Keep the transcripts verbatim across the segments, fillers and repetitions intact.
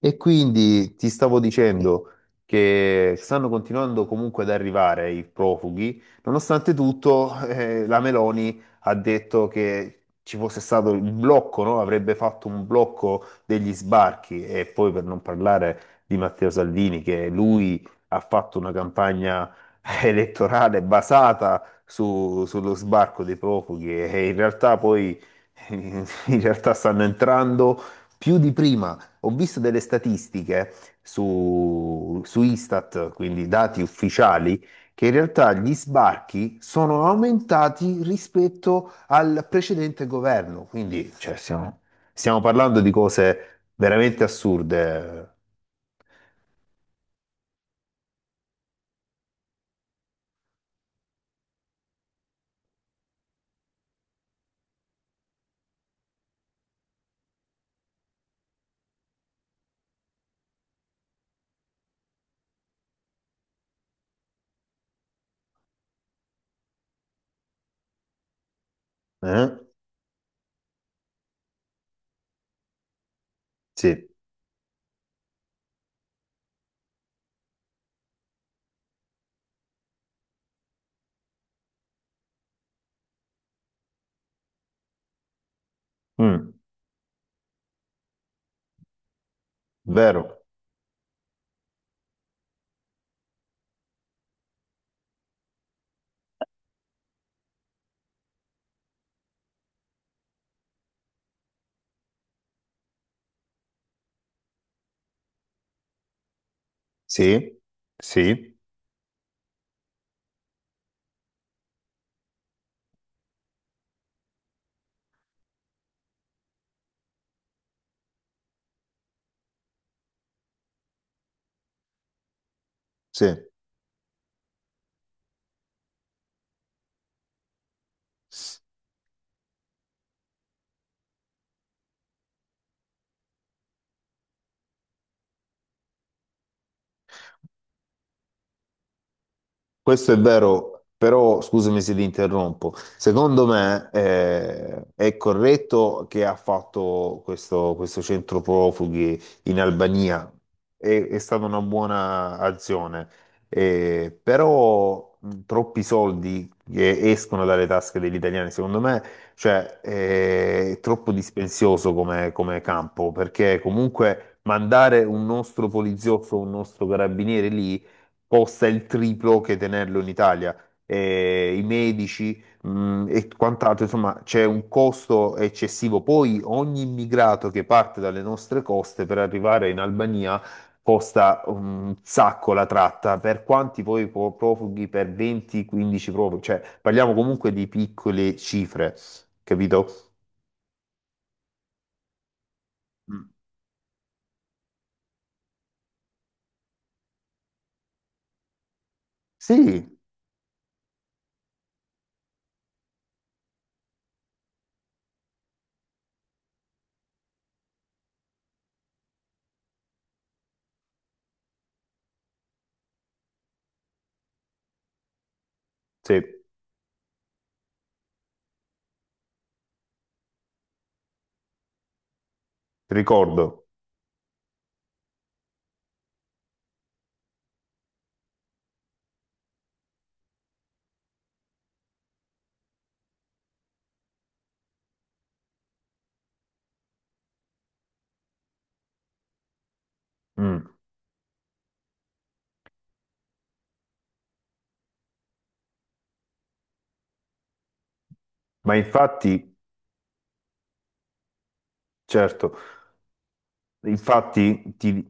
E quindi ti stavo dicendo che stanno continuando comunque ad arrivare i profughi, nonostante tutto, eh, la Meloni ha detto che ci fosse stato il blocco, no? Avrebbe fatto un blocco degli sbarchi. E poi per non parlare di Matteo Salvini, che lui ha fatto una campagna elettorale basata su- sullo sbarco dei profughi, e in realtà poi in realtà stanno entrando più di prima. Ho visto delle statistiche su, su Istat, quindi dati ufficiali, che in realtà gli sbarchi sono aumentati rispetto al precedente governo. Quindi, cioè, stiamo, stiamo parlando di cose veramente assurde. Eh? Sì. Mm. Vero. Sì. Sì. Sì. Questo è vero, però scusami se ti interrompo. Secondo me eh, è corretto che ha fatto questo, questo centro profughi in Albania. È, è stata una buona azione. Eh, però mh, troppi soldi che escono dalle tasche degli italiani, secondo me, cioè, eh, è troppo dispensioso come, come campo, perché comunque mandare un nostro poliziotto, un nostro carabiniere lì costa il triplo che tenerlo in Italia. Eh, i medici, mh, e quant'altro, insomma, c'è un costo eccessivo. Poi ogni immigrato che parte dalle nostre coste per arrivare in Albania costa un sacco la tratta. Per quanti poi po- profughi? Per venti a quindici profughi, cioè parliamo comunque di piccole cifre, capito? Mm. Sì, sì, ricordo. Mm. Ma infatti, certo. Infatti, ti,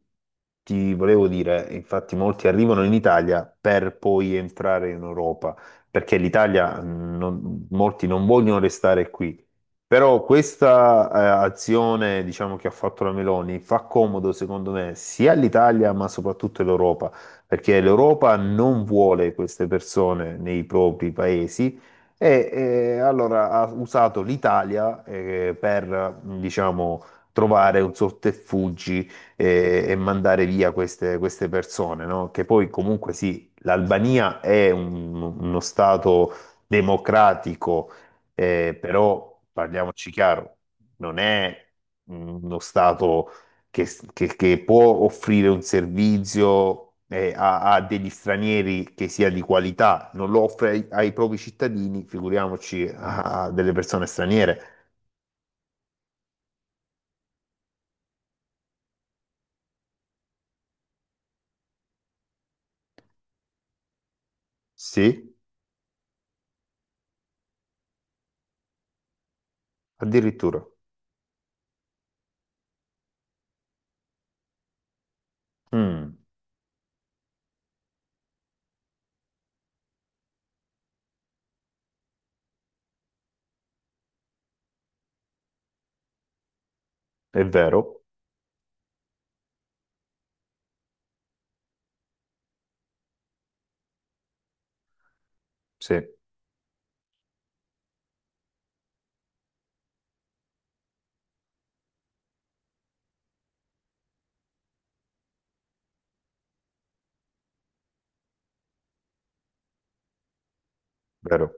ti volevo dire, infatti molti arrivano in Italia per poi entrare in Europa, perché l'Italia, mh, non- molti non vogliono restare qui. Però questa, eh, azione, diciamo, che ha fatto la Meloni fa comodo, secondo me, sia all'Italia, ma soprattutto all'Europa, perché l'Europa non vuole queste persone nei propri paesi. E, eh, allora ha usato l'Italia, eh, per, diciamo, trovare un sortefuggi eh, e mandare via queste, queste persone, no? Che poi comunque sì, l'Albania è un- uno stato democratico, eh, però parliamoci chiaro, non è uno stato che, che- che può offrire un servizio eh, a, a degli stranieri, che sia di qualità. Non lo offre ai, ai propri cittadini, figuriamoci a, a delle persone straniere. Sì, addirittura. Mm. È vero, sì, vero.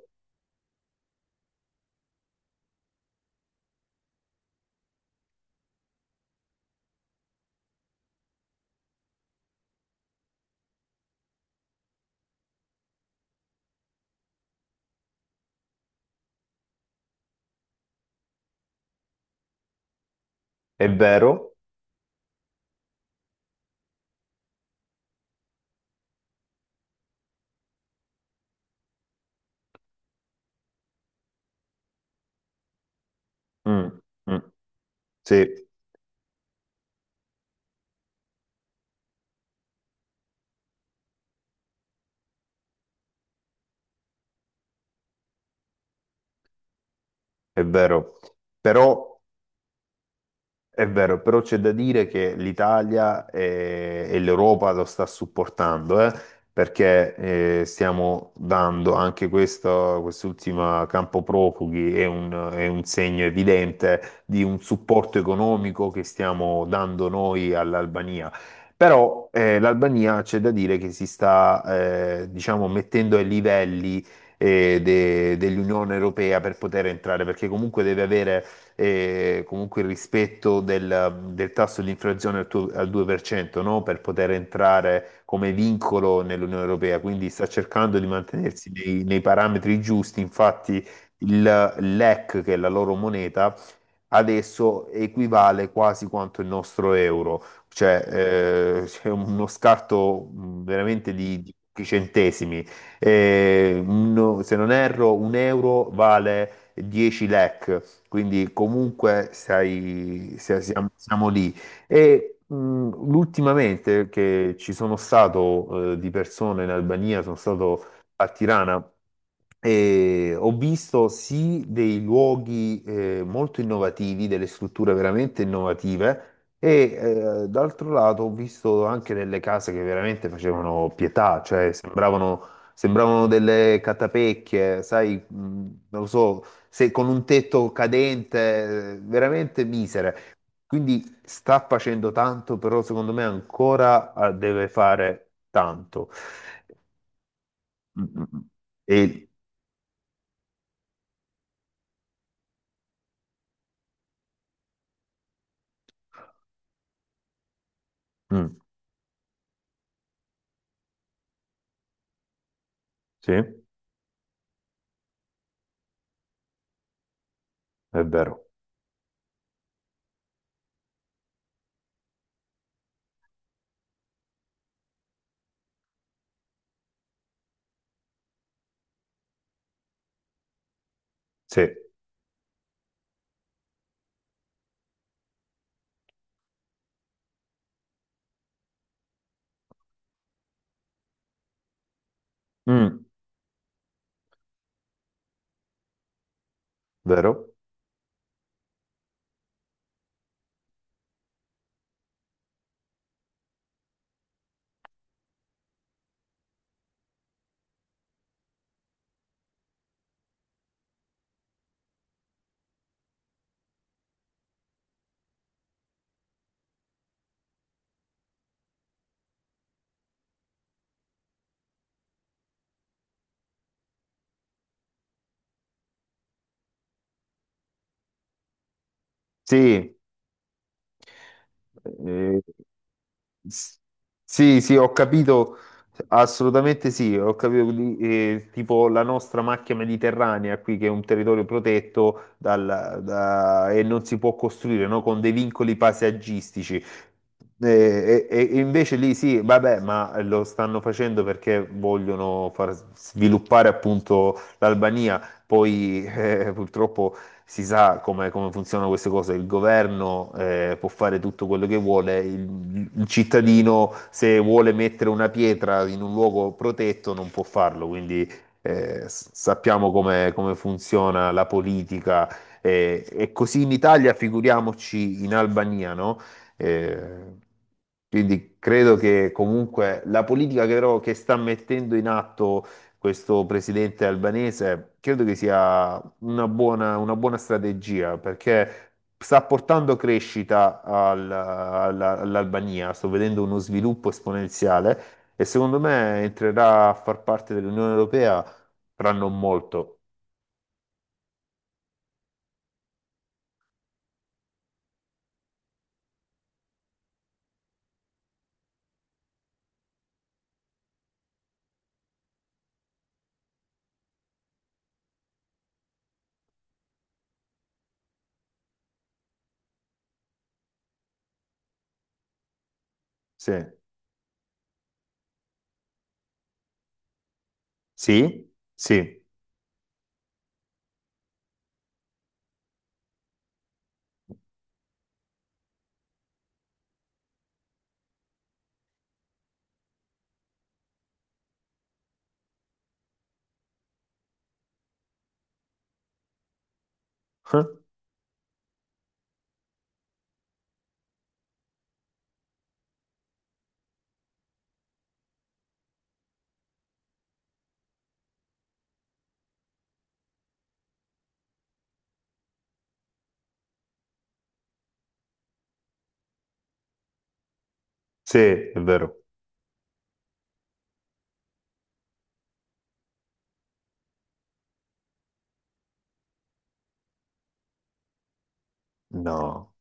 È vero, mm, mm, sì, è vero. Però è vero, però c'è da dire che l'Italia eh, e, l'Europa lo sta supportando, eh, perché eh, stiamo dando anche questo, quest'ultima campo profughi è un, è un segno evidente di un supporto economico che stiamo dando noi all'Albania. Però eh, l'Albania c'è da dire che si sta, eh, diciamo, mettendo ai livelli eh, de- dell'Unione Europea per poter entrare, perché comunque deve avere eh, comunque il rispetto del, del tasso di inflazione al, tu- al due per cento, no? Per poter entrare come vincolo nell'Unione Europea. Quindi sta cercando di mantenersi nei, nei parametri giusti. Infatti il l'E C, che è la loro moneta, adesso equivale quasi quanto il nostro euro, cioè eh, c'è uno scarto mh, veramente di, di pochi centesimi. Eh, no- se non erro, un euro vale dieci lek, quindi comunque sai- sia- siamo, siamo lì. E mh, ultimamente che ci sono stato eh, di persone in Albania, sono stato a Tirana. E ho visto sì dei luoghi eh, molto innovativi, delle strutture veramente innovative, e eh, d'altro lato ho visto anche delle case che veramente facevano pietà, cioè sembravano, sembravano delle catapecchie, sai, mh, non lo so, se con un tetto cadente, eh, veramente misere. Quindi sta facendo tanto, però secondo me ancora eh, deve fare tanto. Mm, mm, mm. E... mm, sì, è vero. Sì. Mm, vero? Sì. Eh, s- sì, sì, ho capito, assolutamente sì, ho capito, di- eh, tipo la nostra macchia mediterranea qui che è un territorio protetto dal- da- e non si può costruire, no? Con dei vincoli paesaggistici. Eh, E, e invece lì sì, vabbè, ma lo stanno facendo perché vogliono far sviluppare appunto l'Albania. Poi eh, purtroppo si sa come, come funzionano queste cose, il governo eh, può fare tutto quello che vuole, il, il cittadino se vuole mettere una pietra in un luogo protetto non può farlo, quindi eh, s- sappiamo come, come funziona la politica eh, e così in Italia, figuriamoci in Albania, no? Eh, quindi credo che comunque la politica che, però, che sta mettendo in atto questo presidente albanese, credo che sia una buona, una buona strategia, perché sta portando crescita al- alla- all'Albania. Sto vedendo uno sviluppo esponenziale e secondo me entrerà a far parte dell'Unione Europea tra non molto. Sì, sì, sì. Eh? Sì, è vero. No,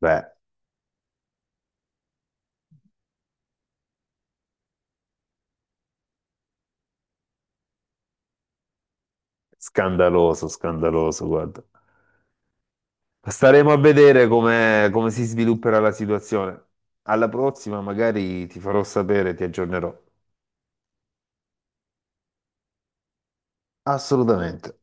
beh, scandaloso, scandaloso, guarda. Staremo a vedere come, come si svilupperà la situazione. Alla prossima magari ti farò sapere, ti aggiornerò. Assolutamente.